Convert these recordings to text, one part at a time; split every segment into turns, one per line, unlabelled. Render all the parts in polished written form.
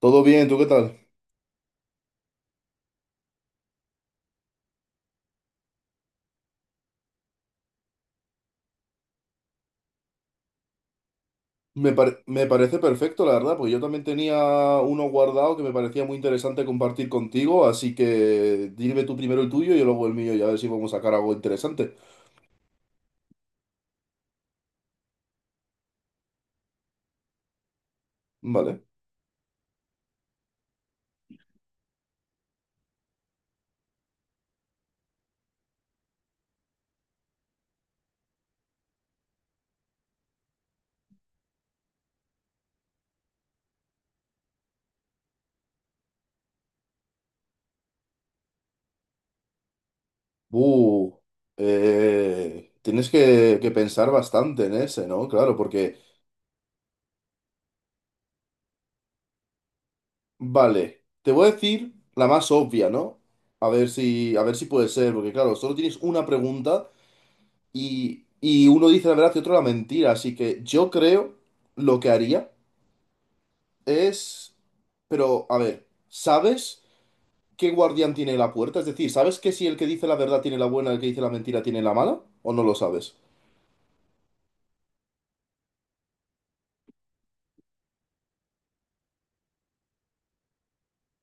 Todo bien, ¿tú qué tal? Me parece perfecto, la verdad, porque yo también tenía uno guardado que me parecía muy interesante compartir contigo, así que dime tú primero el tuyo y yo luego el mío y a ver si podemos sacar algo interesante. Vale. Uh, Tienes que pensar bastante en ese, ¿no? Claro, porque, vale, te voy a decir la más obvia, ¿no? A ver si puede ser, porque claro, solo tienes una pregunta y uno dice la verdad y otro la mentira, así que yo creo lo que haría. Es. Pero, a ver, ¿sabes qué guardián tiene la puerta? Es decir, ¿sabes que si el que dice la verdad tiene la buena, el que dice la mentira tiene la mala? ¿O no lo sabes?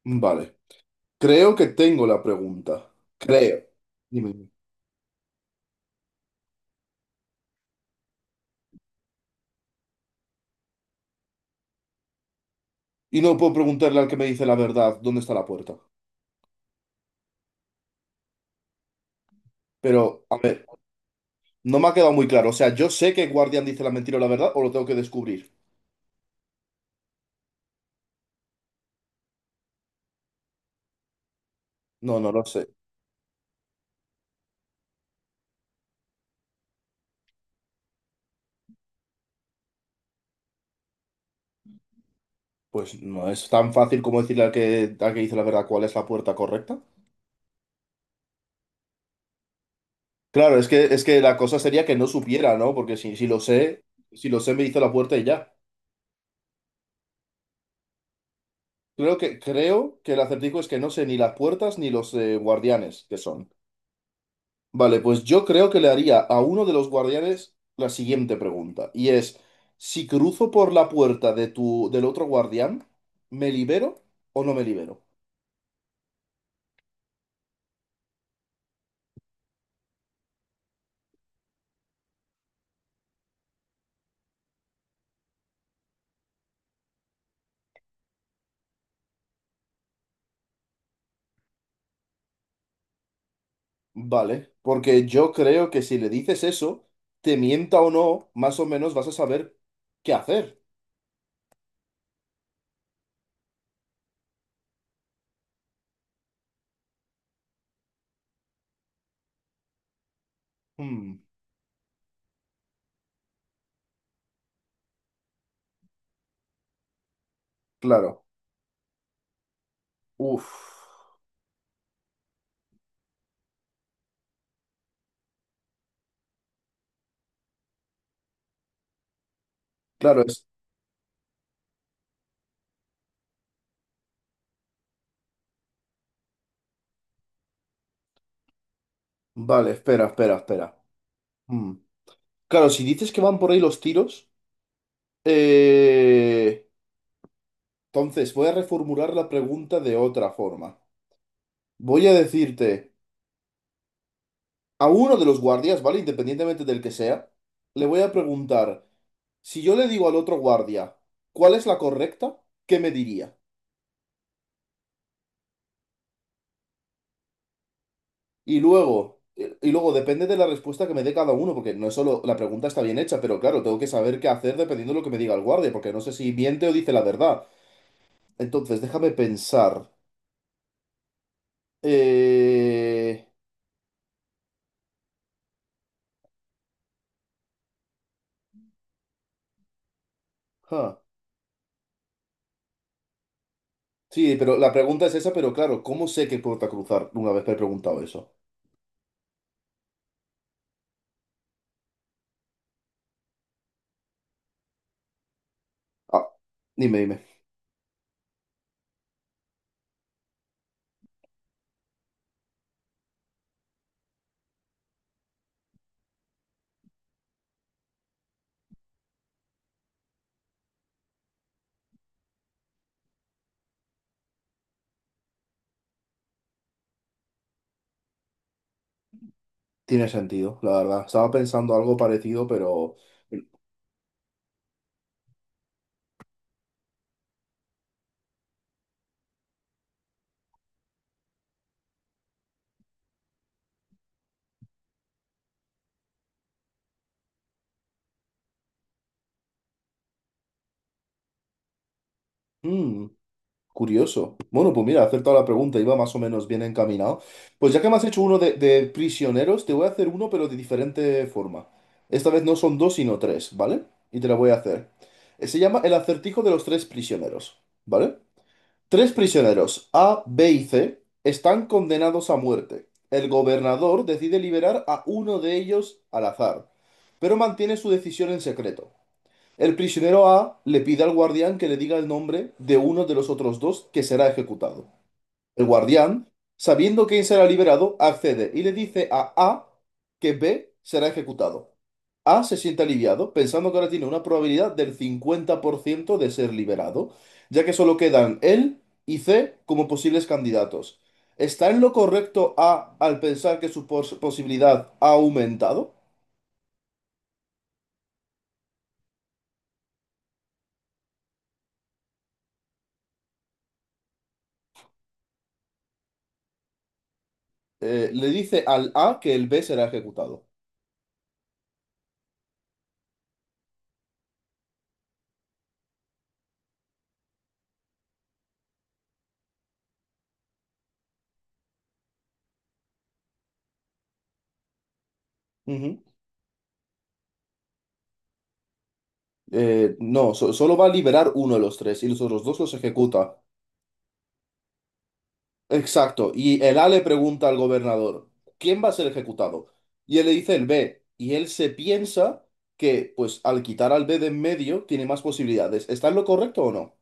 Mm, vale. Creo que tengo la pregunta. Creo. Dime, dime. Y no puedo preguntarle al que me dice la verdad dónde está la puerta. Pero, a ver, no me ha quedado muy claro. O sea, ¿yo sé que guardián dice la mentira o la verdad o lo tengo que descubrir? No, no lo sé. Pues no es tan fácil como decirle al que dice la verdad cuál es la puerta correcta. Claro, es que la cosa sería que no supiera, ¿no? Porque si lo sé, si lo sé, me hizo la puerta y ya. Creo que el acertijo es que no sé ni las puertas ni los guardianes que son. Vale, pues yo creo que le haría a uno de los guardianes la siguiente pregunta. Y es, si cruzo por la puerta del otro guardián, ¿me libero o no me libero? Vale, porque yo creo que si le dices eso, te mienta o no, más o menos vas a saber qué hacer. Hmm, claro. Uf. Claro, es. Vale, espera, espera, espera. Mm. Claro, si dices que van por ahí los tiros, eh, entonces voy a reformular la pregunta de otra forma. Voy a decirte, a uno de los guardias, ¿vale? Independientemente del que sea, le voy a preguntar, si yo le digo al otro guardia, ¿cuál es la correcta? ¿Qué me diría? Y luego depende de la respuesta que me dé cada uno, porque no es solo la pregunta está bien hecha, pero claro, tengo que saber qué hacer dependiendo de lo que me diga el guardia, porque no sé si miente o dice la verdad. Entonces, déjame pensar. Eh, Ja. Sí, pero la pregunta es esa, pero claro, ¿cómo sé que puerta cruzar una vez que he preguntado eso? Ah, dime, dime. Tiene sentido, la verdad. Estaba pensando algo parecido, pero. Mm, curioso. Bueno, pues mira, he acertado la pregunta, iba más o menos bien encaminado. Pues ya que me has hecho uno de prisioneros, te voy a hacer uno, pero de diferente forma. Esta vez no son dos, sino tres, ¿vale? Y te la voy a hacer. Se llama el acertijo de los tres prisioneros, ¿vale? Tres prisioneros, A, B y C, están condenados a muerte. El gobernador decide liberar a uno de ellos al azar, pero mantiene su decisión en secreto. El prisionero A le pide al guardián que le diga el nombre de uno de los otros dos que será ejecutado. El guardián, sabiendo quién será liberado, accede y le dice a A que B será ejecutado. A se siente aliviado, pensando que ahora tiene una probabilidad del 50% de ser liberado, ya que solo quedan él y C como posibles candidatos. ¿Está en lo correcto A al pensar que su posibilidad ha aumentado? Le dice al A que el B será ejecutado. Ujú. No, solo va a liberar uno de los tres y los otros dos los ejecuta. Exacto. Y el A le pregunta al gobernador, ¿quién va a ser ejecutado? Y él le dice el B. Y él se piensa que, pues, al quitar al B de en medio, tiene más posibilidades. ¿Está en lo correcto o no?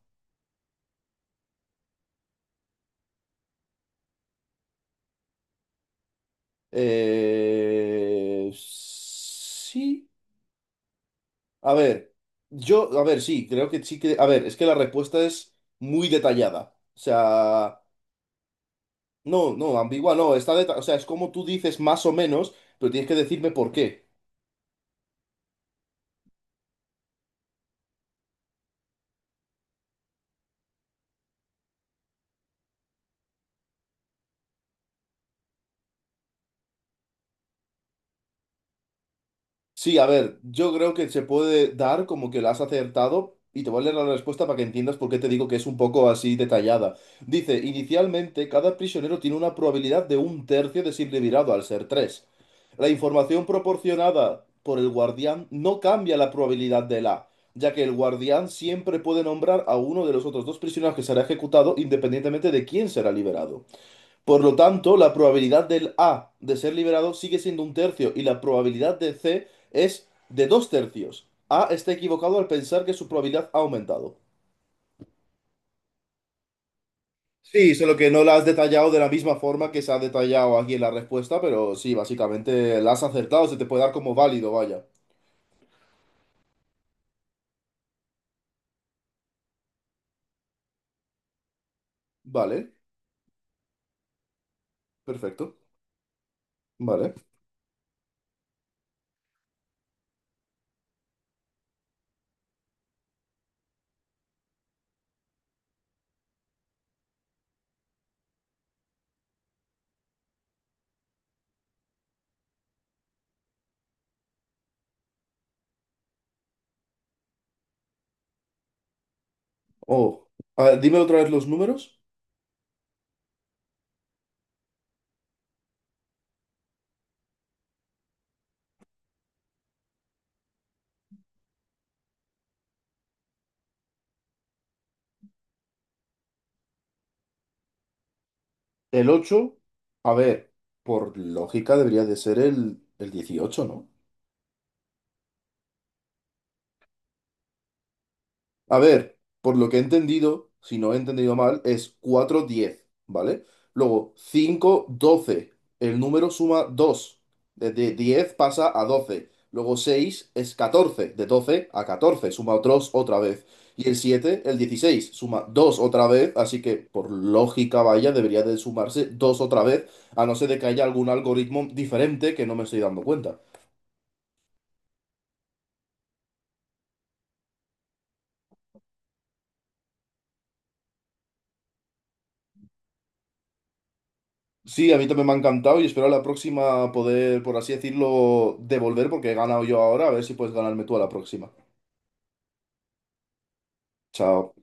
Sí. A ver, yo, a ver, sí, creo que sí que. A ver, es que la respuesta es muy detallada. O sea, no, no, ambigua, no, o sea, es como tú dices más o menos, pero tienes que decirme por qué. Sí, a ver, yo creo que se puede dar como que la has acertado y te voy a leer la respuesta para que entiendas por qué te digo que es un poco así detallada. Dice, inicialmente cada prisionero tiene una probabilidad de un tercio de ser liberado al ser tres. La información proporcionada por el guardián no cambia la probabilidad del A, ya que el guardián siempre puede nombrar a uno de los otros dos prisioneros que será ejecutado independientemente de quién será liberado. Por lo tanto, la probabilidad del A de ser liberado sigue siendo un tercio y la probabilidad de C es de dos tercios. A está equivocado al pensar que su probabilidad ha aumentado. Sí, solo que no la has detallado de la misma forma que se ha detallado aquí en la respuesta, pero sí, básicamente la has acertado, se te puede dar como válido, vaya. Vale, perfecto. Vale. Oh, a ver, dime otra vez los números. El 8. A ver, por lógica debería de ser el 18, ¿no? A ver, por lo que he entendido, si no he entendido mal, es cuatro 10, ¿vale? Luego, cinco 12. El número suma 2. Desde 10 pasa a 12. Luego 6 es 14. De doce a 14 suma otros otra vez. Y el 7 el 16 suma 2 otra vez. Así que, por lógica, vaya, debería de sumarse 2 otra vez. A no ser de que haya algún algoritmo diferente que no me estoy dando cuenta. Sí, a mí también me ha encantado y espero a la próxima poder, por así decirlo, devolver porque he ganado yo ahora. A ver si puedes ganarme tú a la próxima. Chao.